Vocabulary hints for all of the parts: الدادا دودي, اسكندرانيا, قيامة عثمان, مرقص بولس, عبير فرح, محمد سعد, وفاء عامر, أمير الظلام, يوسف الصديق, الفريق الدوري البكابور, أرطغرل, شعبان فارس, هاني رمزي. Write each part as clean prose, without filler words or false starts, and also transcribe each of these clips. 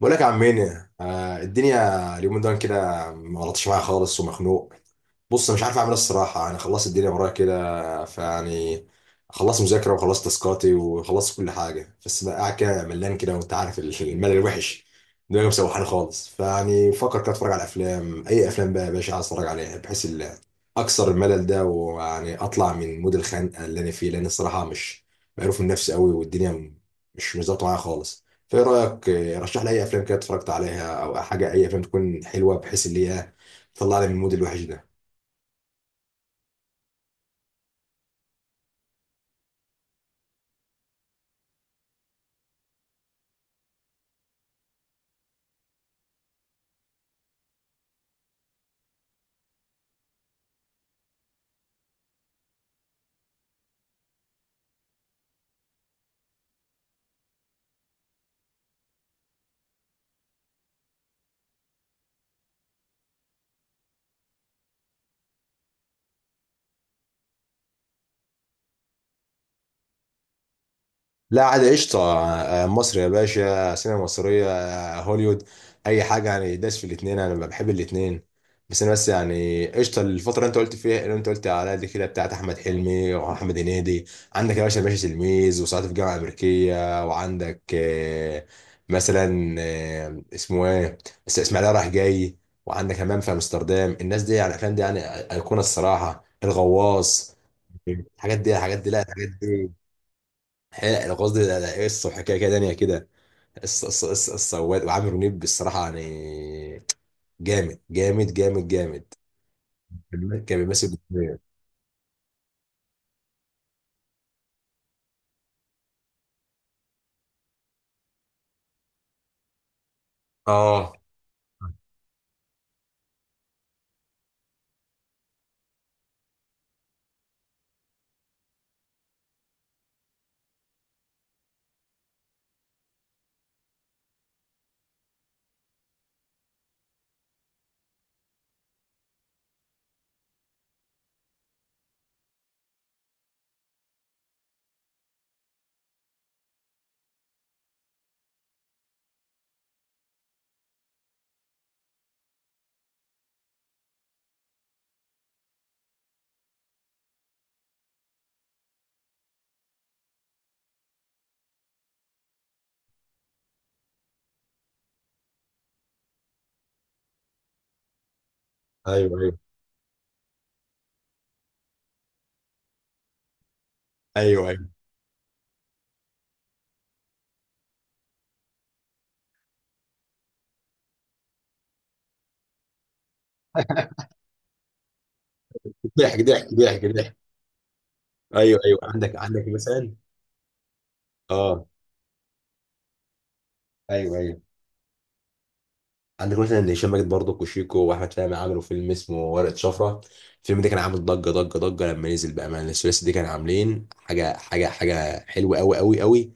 بقول لك يا عم مينا، الدنيا اليومين دول كده، ما غلطش معايا خالص ومخنوق. بص، مش عارف اعمل ايه. الصراحه انا خلصت الدنيا ورايا كده فيعني، خلصت مذاكره وخلصت تاسكاتي وخلصت كل حاجه، بس بقى قاعد كده ملان كده، وانت عارف الملل الوحش. دماغي مسوحاني خالص، فيعني بفكر كده اتفرج على افلام. اي افلام بقى يا باشا عايز اتفرج عليها بحيث اكسر الملل ده، ويعني اطلع من مود الخنقه اللي انا فيه، لان الصراحه مش، مقروف من نفسي قوي، والدنيا مش ظابطه معايا خالص. فايه رايك؟ رشح لي اي افلام كده اتفرجت عليها او حاجه. اي افلام تكون حلوه بحيث اللي هي تطلعني من المود الوحش ده. لا، عادي، قشطة. آه، مصر يا باشا سينما مصرية، هوليوود، أي حاجة يعني. داس في الاتنين، أنا بحب الاتنين. بس أنا بس يعني قشطة. الفترة اللي أنت قلت عليها دي كده بتاعت أحمد حلمي وأحمد هنيدي، عندك يا باشا تلميذ وصعيدي في الجامعة الأمريكية، وعندك مثلا، اسمه إيه، إسماعيلية رايح جاي، وعندك همام في أمستردام. الناس دي يعني، الأفلام دي يعني أيقونة الصراحة. الغواص، الحاجات دي، الحاجات دي لا الحاجات دي. حلق قصدي، لا، قصه وحكايه كده تانيه كده. قصه قصه قصه قصة. وعامر منيب بالصراحه يعني جامد جامد جامد جامد. كان بيمثل بالدنيا. اه، ايوه، ايوه، ايوه، ايوه. ضحك ضحك ضحك ضحك. ايوه، ايوه، عندك مثال. اه، ايوه، ايوه. عندك مثلا هشام ماجد برضه وشيكو واحمد فهمي، عملوا فيلم اسمه ورقة شفرة. الفيلم ده كان عامل ضجة ضجة ضجة لما نزل بأمان. الثلاثي دي كان عاملين حاجة حاجة حاجة حلوة أوي أوي أوي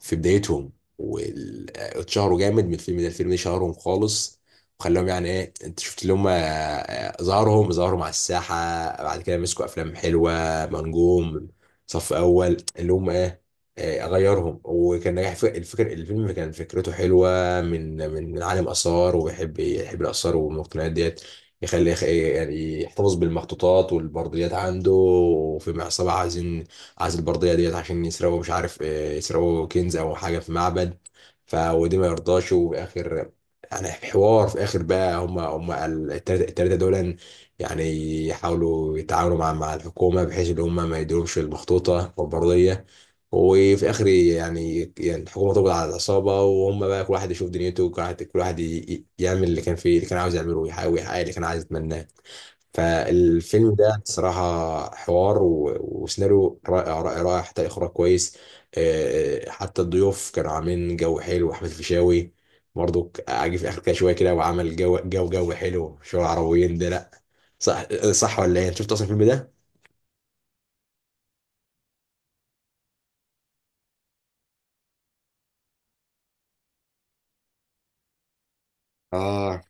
في بدايتهم. واتشهروا جامد من الفيلم ده، الفيلم ده شهرهم خالص، وخلاهم يعني ايه، انت شفت اللي هم، ظهروا مع الساحة. بعد كده مسكوا أفلام حلوة، منجوم صف أول اللي هم ايه، غيرهم. وكان نجاح الفيلم، كان فكرته حلوة. بقى من عالم آثار، ويحب الآثار والمقتنيات ديت، يعني يحتفظ بالمخطوطات والبرديات عنده، وفي عصابة عايزين، عايز البردية ديت عشان يسرقوا، مش عارف إيه، يسرقوا كنز أو حاجة في معبد. ف ودي ما يرضاش، وفي آخر، يعني في حوار في آخر بقى، هم التلاتة دول يعني، يحاولوا يتعاونوا مع الحكومة بحيث إن هم ما يديرهمش المخطوطة والبردية. وفي اخر يعني الحكومه تقبض على العصابه، وهم بقى كل واحد يشوف دنيته، وكل واحد يعمل اللي كان فيه اللي كان عاوز يعمله، ويحاول يحقق اللي كان عايز يتمناه. فالفيلم ده صراحة حوار و- وسيناريو رائع رائع رائع، حتى إخراج كويس. حتى الضيوف كانوا عاملين جو حلو. أحمد الفيشاوي برضو عاجب في آخر كده شوية كده، وعمل جو جو جو حلو. شو العربيين ده؟ لأ. صح صح ولا إيه؟ أنت شفت أصلا الفيلم ده؟ اه،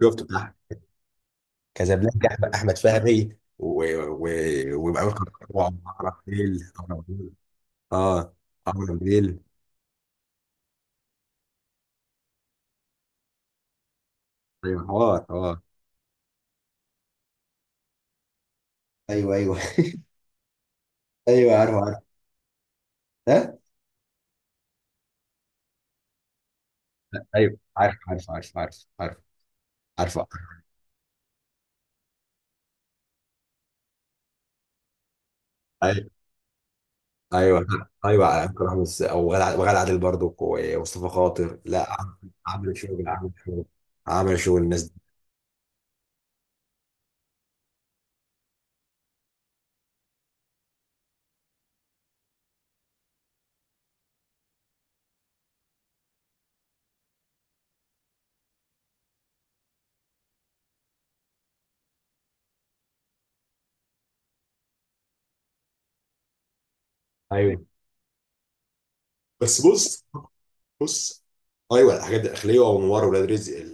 شفته. كازابلانكا، أحمد فهمي و و ويبقى عراقيل عراقيل. اه، عراقيل. ايوه، حوار حوار. ايوه، ايوه، ايوه، عارف عارف. ها، ايوه، عارف عارف عارف عارف عارف. عارف. ايوه، ايوه، ايوه. أكرم رامز، وغادة عادل برضو، ومصطفى خاطر. لا. عامل شغل، عامل شغل، عامل شغل الناس دي. ايوه، بس بص. بص. ايوه، الحاجات دي الداخليه، وانوار، ولاد رزق،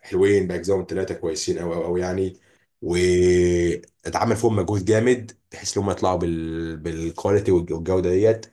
حلوين باجزائهم ثلاثه كويسين قوي قوي قوي يعني. واتعمل فيهم مجهود جامد بحيث ان هم يطلعوا بالكواليتي والجوده ديت،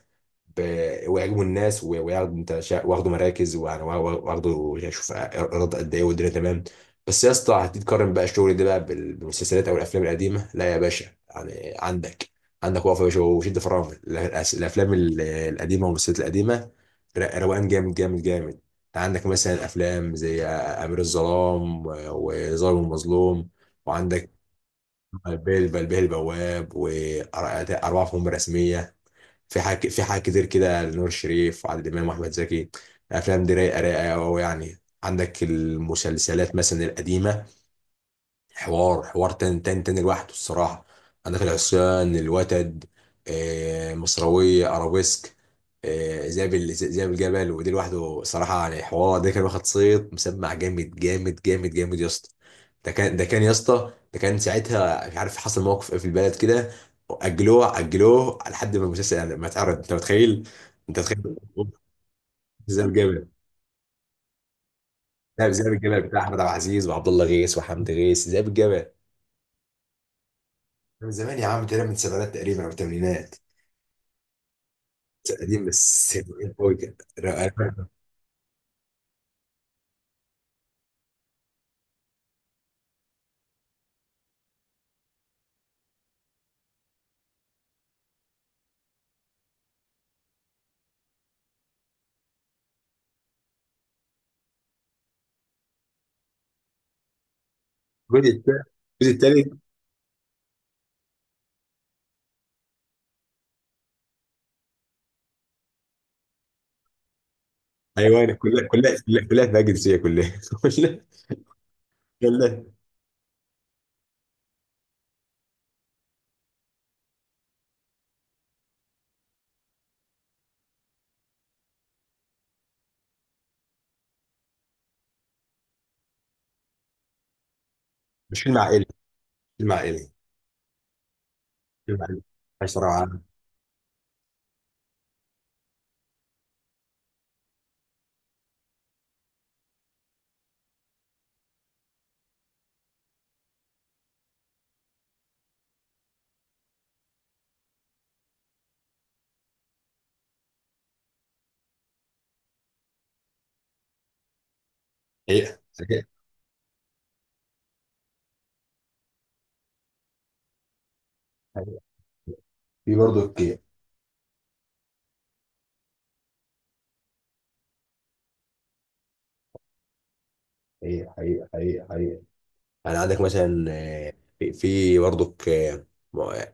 ويعجبوا الناس، وياخدوا واخدوا مراكز ويعني واخدوا، شوف ايرادات قد ايه، والدنيا تمام. بس يا اسطى، هتيجي تقارن بقى الشغل ده بقى بالمسلسلات او الافلام القديمه؟ لا يا باشا، يعني عندك، عندك وقفه يا باشا وشد فرامل. الافلام القديمه والمسلسلات القديمه روقان جامد جامد جامد. انت عندك مثلا افلام زي امير الظلام و- وظالم المظلوم، وعندك بلبل البواب، واربعه في مهمه رسميه، في حاجة كتير كده لنور الشريف وعادل إمام وأحمد زكي. الأفلام دي رايقة رايقة أوي يعني. عندك المسلسلات مثلا القديمة، حوار حوار تاني تاني تاني لوحده الصراحة. عندك العصيان، الوتد، مصراوية، أرابيسك، ذئاب الجبل. ودي لوحده صراحة يعني حوار. ده كان واخد صيت مسمع جامد جامد جامد جامد يا اسطى. ده كان يا اسطى، ده كان ساعتها، مش عارف حصل موقف ايه في البلد كده، أجلوه أجلوه لحد ما المسلسل يعني ما اتعرض. أنت متخيل؟ أنت متخيل؟ ذئاب الجبل. لا، ذئاب الجبل بتاع أحمد عبد العزيز وعبد الله غيث وحمد غيث، ذئاب الجبل. من زمان يا عم، تقريبا من السبعينات تقريبا او الثمانينات. قديم، بس قديم قوي كده. الجزء الثاني، الجزء الثالث. ايوه، أنا كلها كلها كلها كلها فيها جنسيه، كلها كلها، كلها. مش فيلم عائلي. فيلم عائلي. فيلم عائلي عايش صراحه. حقيقه حقيقه. حقيقة. في برضه حقيقه حقيقه حقيقه حقيقه. يعني عندك مثلا، في برضك، م- آه،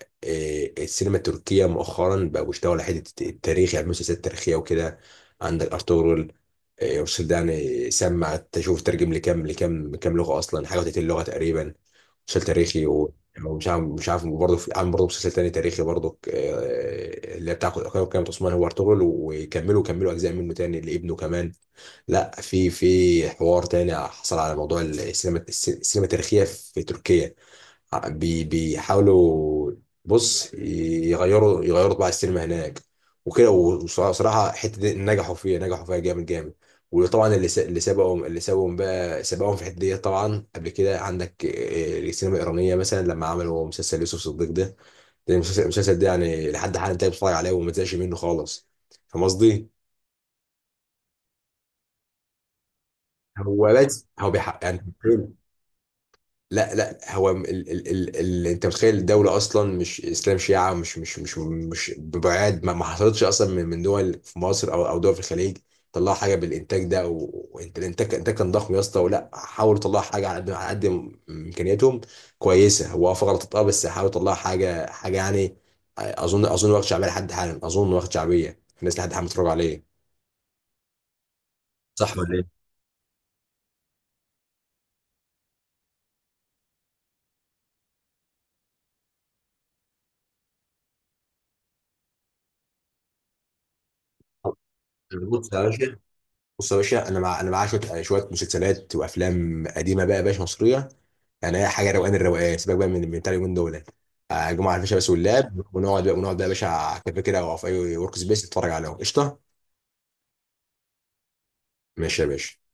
السينما التركية مؤخرا بقوا بيشتغلوا على حتة التاريخ، يعني مسلسلات تاريخية وكده. عندك أرطغرل. المسلسل ده يعني سمع، تشوف ترجم لكام لكام كام لغة، أصلا حاجة وتلاتين لغة تقريبا. مسلسل تاريخي ومش عارف مش عارف برضه عامل برضه مسلسل تاني تاريخي برضه، اللي هي بتاع قناة عثمان، هو أرطغرل. كملوا أجزاء منه تاني لابنه كمان. لا، في حوار تاني حصل على موضوع السينما السينما التاريخية في تركيا. ع- بي بيحاولوا، بص، يغيروا طباع السينما هناك وكده، وصراحة الحتة دي نجحوا فيها نجحوا فيها جامد جامد. وطبعا اللي سبقهم بقى سبقهم في الحتة دي طبعا. قبل كده عندك السينما الإيرانية مثلا لما عملوا مسلسل يوسف صديق ده. المسلسل ده يعني لحد حالا انت بتتفرج عليه وما تزهقش منه خالص. فاهم قصدي؟ هو بيحقق يعني. لا، لا، هو ال ال ال ال انت متخيل، الدولة اصلا مش اسلام شيعة، مش ببعاد، ما حصلتش اصلا من دول في مصر او دول في الخليج. طلعوا حاجة بالانتاج ده، وانت الانتاج كان ضخم يا اسطى، ولا حاولوا يطلعوا حاجة على قد على قد امكانياتهم. كويسة، هو اه في غلطات، اه، بس حاولوا يطلعوا حاجة حاجة يعني. اظن واخد شعبية لحد حالا، اظن واخد شعبية، الناس لحد حالا بتتفرج عليه. صح ولا ايه؟ بص يا باشا، بص يا باشا، انا معايا شويه، شويه مسلسلات وافلام قديمه بقى يا باشا، مصريه. يعني هي حاجه روقان، الروقان سيبك بقى من بتاع اليومين دول. جمعه الفيشه بس واللاب، ونقعد بقى يا باشا على كافيه كده، او في اي ورك سبيس، نتفرج عليهم قشطه. ماشي يا باشا.